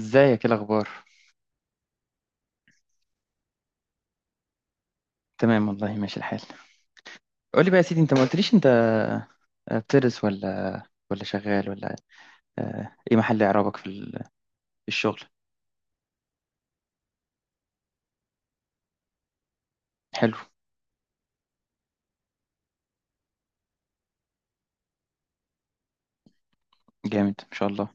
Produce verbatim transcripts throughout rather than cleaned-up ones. ازيك، ايه الاخبار؟ تمام والله، ماشي الحال. قول لي بقى يا سيدي، انت ما قلتليش. انت آه، بتدرس ولا ولا شغال ولا، آه، ايه محل اعرابك في ال- في الشغل؟ حلو. جامد ما شاء الله.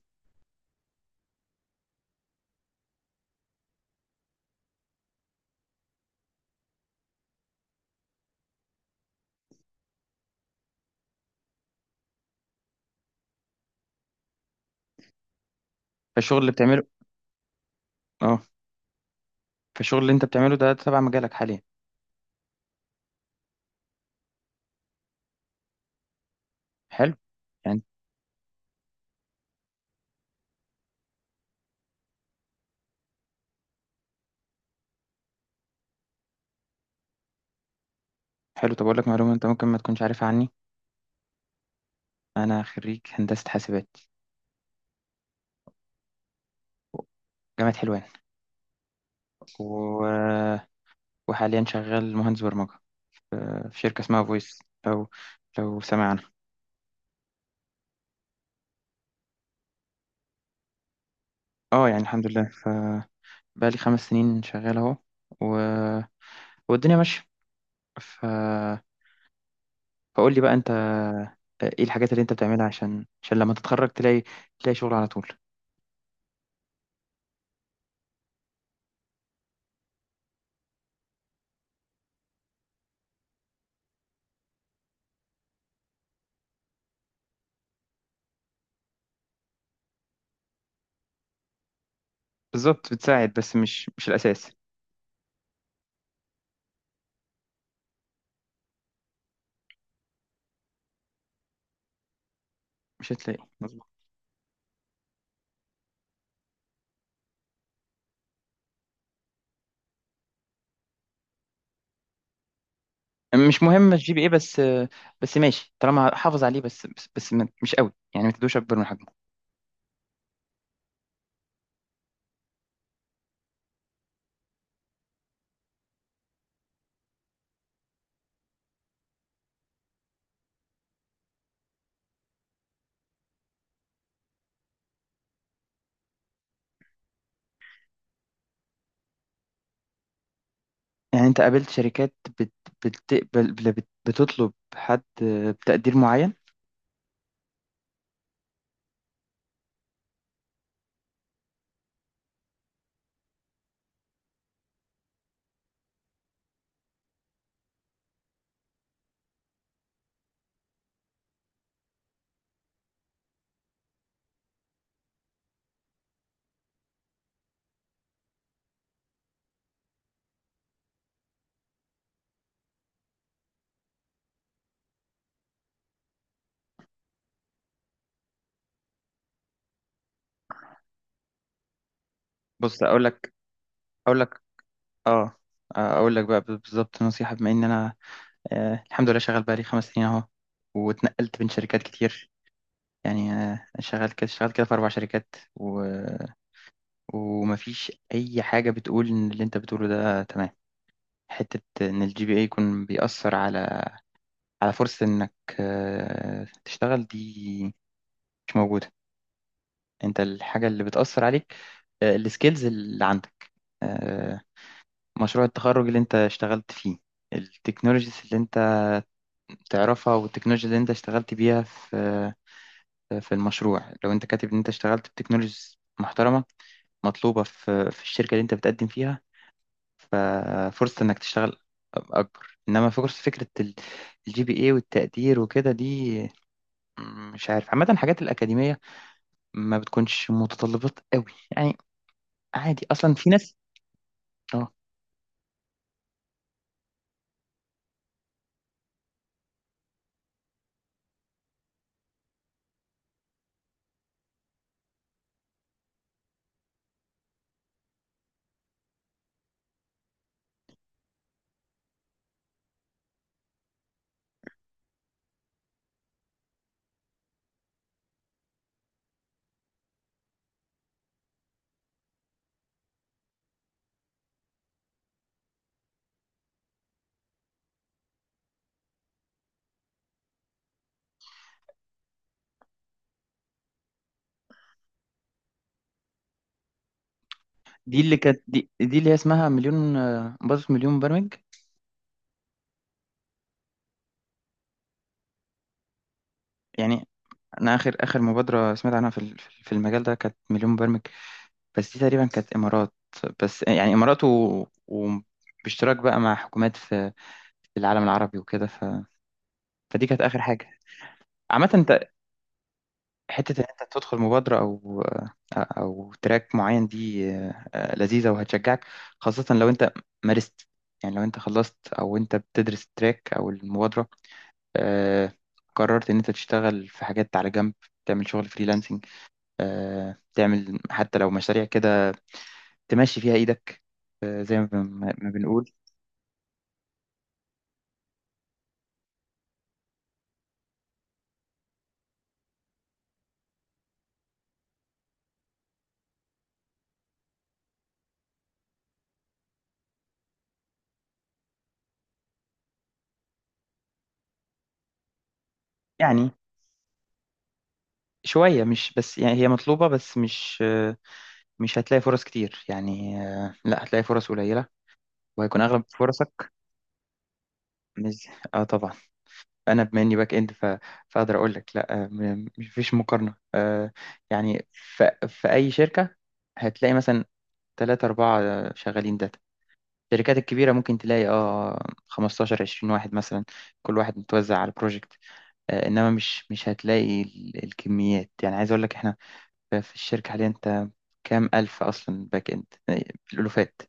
فالشغل اللي بتعمله اه. فالشغل اللي انت بتعمله ده تبع مجالك حاليا؟ حلو. يعني حلو. طب اقول لك معلومه انت ممكن ما تكونش عارفها عني. انا خريج هندسه حاسبات، جامعه حلوان، و... وحاليا شغال مهندس برمجه، آه، في شركه اسمها فويس. لو لو سمعنا. اه يعني الحمد لله، بقالي خمس سنين شغال اهو، و... والدنيا ماشية. ف... فقول لي بقى انت، ايه الحاجات اللي انت بتعملها عشان عشان لما تتخرج تلاقي، تلاقي شغل على طول. بالظبط بتساعد، بس مش مش الأساس. مش هتلاقي، مظبوط. مش مهم الجي بي ايه بس، بس ماشي طالما حافظ عليه، بس بس, بس ما- مش قوي، يعني ما تدوش اكبر من حجمه. يعني انت قابلت شركات بت بتقبل بل- بت بتطلب حد بتقدير معين؟ بص، اقول لك اقول لك اه، اقول لك بقى بالظبط نصيحة. بما ان انا آه، الحمد لله شغال بقالي خمس سنين اهو، واتنقلت بين شركات كتير. يعني آه، شغال كده شغال كده في اربع شركات، و... ومفيش اي حاجه بتقول ان اللي انت بتقوله ده تمام. حته ان الجي بي اي يكون بيأثر على، على فرصه انك آه، تشتغل دي مش موجوده. انت الحاجه اللي بتأثر عليك آه، السكيلز اللي عندك، آه، مشروع التخرج اللي انت اشتغلت فيه، التكنولوجيز اللي انت تعرفها، والتكنولوجيا اللي انت اشتغلت بيها في، في المشروع. لو انت كاتب ان انت اشتغلت بتكنولوجيز محترمة مطلوبة في في الشركة اللي انت بتقدم فيها، ففرصة انك تشتغل اكبر. انما فرصة فكرة الجي بي اي والتقدير وكده دي مش عارف، عامة الحاجات الأكاديمية ما بتكونش متطلبات قوي، يعني عادي. أصلا في ناس. اه، دي اللي كانت، دي, دي اللي هي اسمها مليون، آه، مبادرة مليون مبرمج يعني. أنا آخر آخر مبادرة سمعت عنها في ال- في المجال ده كانت مليون مبرمج. بس دي تقريبا كانت إمارات، بس يعني إمارات و... وباشتراك بقى مع حكومات في، في العالم العربي وكده. ف... فدي كانت آخر حاجة. عامة أنت، حتة إن أنت تدخل مبادرة أو، أو تراك معين دي آه، لذيذة وهتشجعك، خاصة لو أنت مارست. يعني لو أنت خلصت، أو أنت بتدرس التراك أو المبادرة آه، قررت إن أنت تشتغل في حاجات على جنب، تعمل شغل فريلانسنج، تعمل حتى لو مشاريع كده تمشي فيها إيدك، آه، زي ما ما- ما بنقول يعني. شوية، مش بس يعني هي مطلوبة بس مش مش هتلاقي فرص كتير، يعني آه، لا هتلاقي فرص قليلة، وهيكون أغلب فرصك مش اه طبعا. أنا بما إني باك إند، ف... فأقدر أقول لك لا آه، م- مفيش مقارنة. آه، يعني في في أي شركة هتلاقي مثلا تلاتة أربعة آه، شغالين داتا. الشركات الكبيرة ممكن تلاقي اه خمسة عشر عشرين واحد مثلا، كل واحد متوزع على البروجكت. آه، إنما مش مش هتلاقي ال- الكميات، يعني عايز أقول لك في الشركة حاليا أنت كام ألف أصلا باك إند، يعني الألوفات.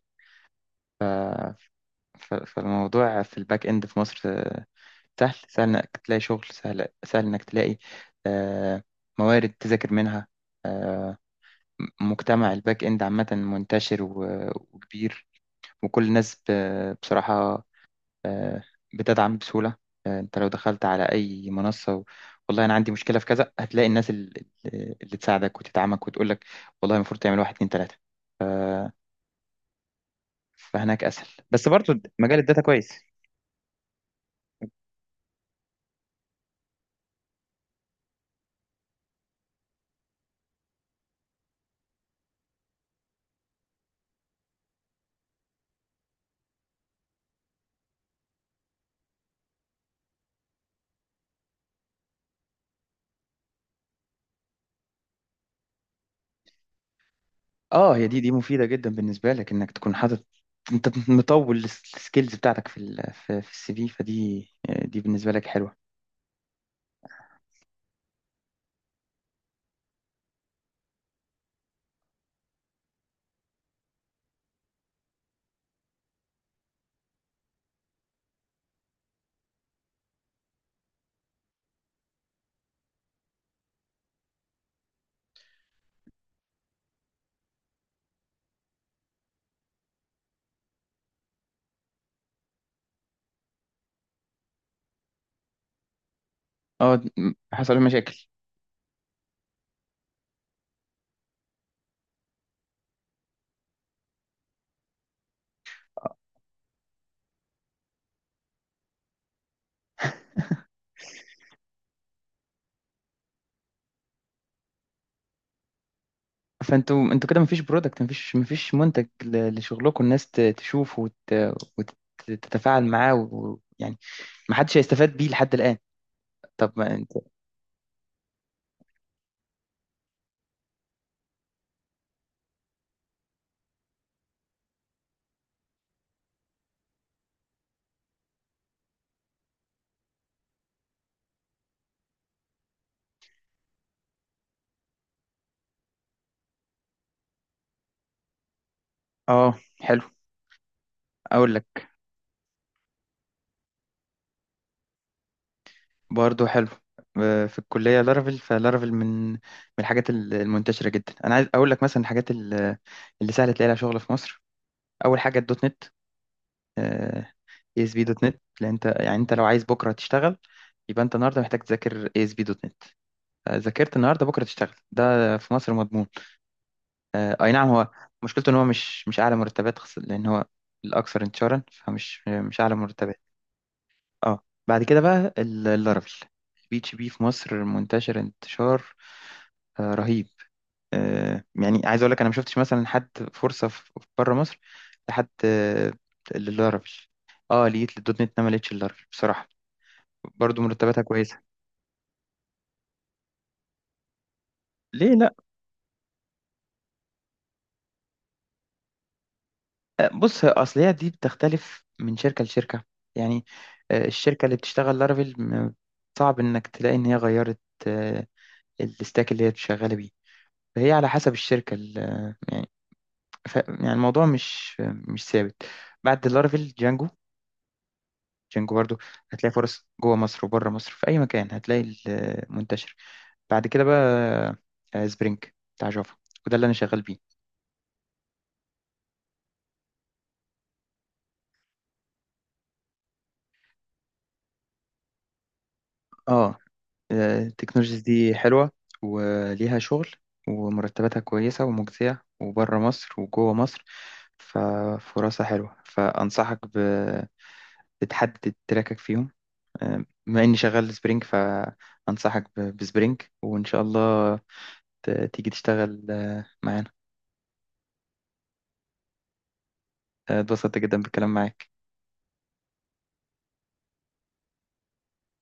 ف- فالموضوع في الباك إند في مصر آه، سهل سهل إنك تلاقي شغل، سهل سهل إنك تلاقي آه، موارد تذاكر منها. آه، م- مجتمع الباك إند عامة منتشر و- وكبير، وكل الناس ب- بصراحة بتدعم بسهولة. آه، أنت لو دخلت على أي منصة و- والله أنا عندي مشكلة في كذا، هتلاقي الناس ال- ال- اللي تساعدك وتدعمك وتقولك والله المفروض تعمل واحد اتنين تلاتة. فهناك اسهل، بس برضو مجال الداتا كويس. اه، هي دي، دي مفيده جدا بالنسبه لك، انك تكون حاطط، انت مطول السكيلز بتاعتك في ال في, في السي في، فدي دي بالنسبه لك حلوه. اه، حصل مشاكل. فانتوا انتوا كده مفيش برودكت، مفيش مفيش منتج ل- لشغلكم الناس ت- تشوفه وت- وتتفاعل معاه، ويعني محدش هيستفاد بيه لحد الآن. طب ما انت اه حلو. اقول لك برضه حلو. آه، في الكلية لارافيل، فلارافيل من من الحاجات ال- المنتشرة جدا. أنا عايز أقول لك مثلا الحاجات ال- اللي سهل تلاقي لها شغل في مصر، أول حاجة الدوت نت. اي اس بي دوت نت، لأن أنت يعني أنت لو عايز بكرة تشتغل، يبقى أنت النهاردة محتاج تذاكر اي اس بي دوت نت. آه، ذاكرت النهاردة، بكرة تشتغل، ده في مصر مضمون. آه، أي نعم، هو مشكلته إن هو مش مش أعلى مرتبات، خص- لأن هو الأكثر انتشارا، فمش مش أعلى مرتبات. اه بعد كده بقى ال- اللارافيل. البي اتش بي في مصر منتشر انتشار آه، رهيب. آه، يعني عايز اقول لك انا ما شفتش مثلا حد فرصه في بره مصر لحد آه، للارافيل. اه لقيت للدوت نت، ما لقيتش اللارافيل بصراحه. برضو مرتباتها كويسه. ليه لا. آه، بص اصل هي دي بتختلف من شركه لشركه يعني. آه، الشركه اللي بتشتغل لارافيل م- صعب انك تلاقي ان هي غيرت آه، الستاك اللي هي شغاله بيه. فهي على حسب الشركه ال- آه، يعني ف... يعني الموضوع مش مش ثابت. بعد لارافيل جانجو. جانجو برضو هتلاقي فرص جوه مصر وبره مصر، في أي مكان هتلاقي ال- منتشر. بعد كده بقى آه، سبرينج بتاع جافا، وده اللي أنا شغال بيه. اه. آه، التكنولوجيز دي حلوة، وليها شغل، ومرتباتها كويسة ومجزية، وبره مصر وجوه مصر، ففرصها حلوة. فأنصحك ب... بتحدد تراكك فيهم. آه، بما إني شغال سبرينج فأنصحك ب- بسبرينج، وإن شاء الله ت- تيجي تشتغل آه، معانا. آه، اتبسطت جدا بالكلام معاك.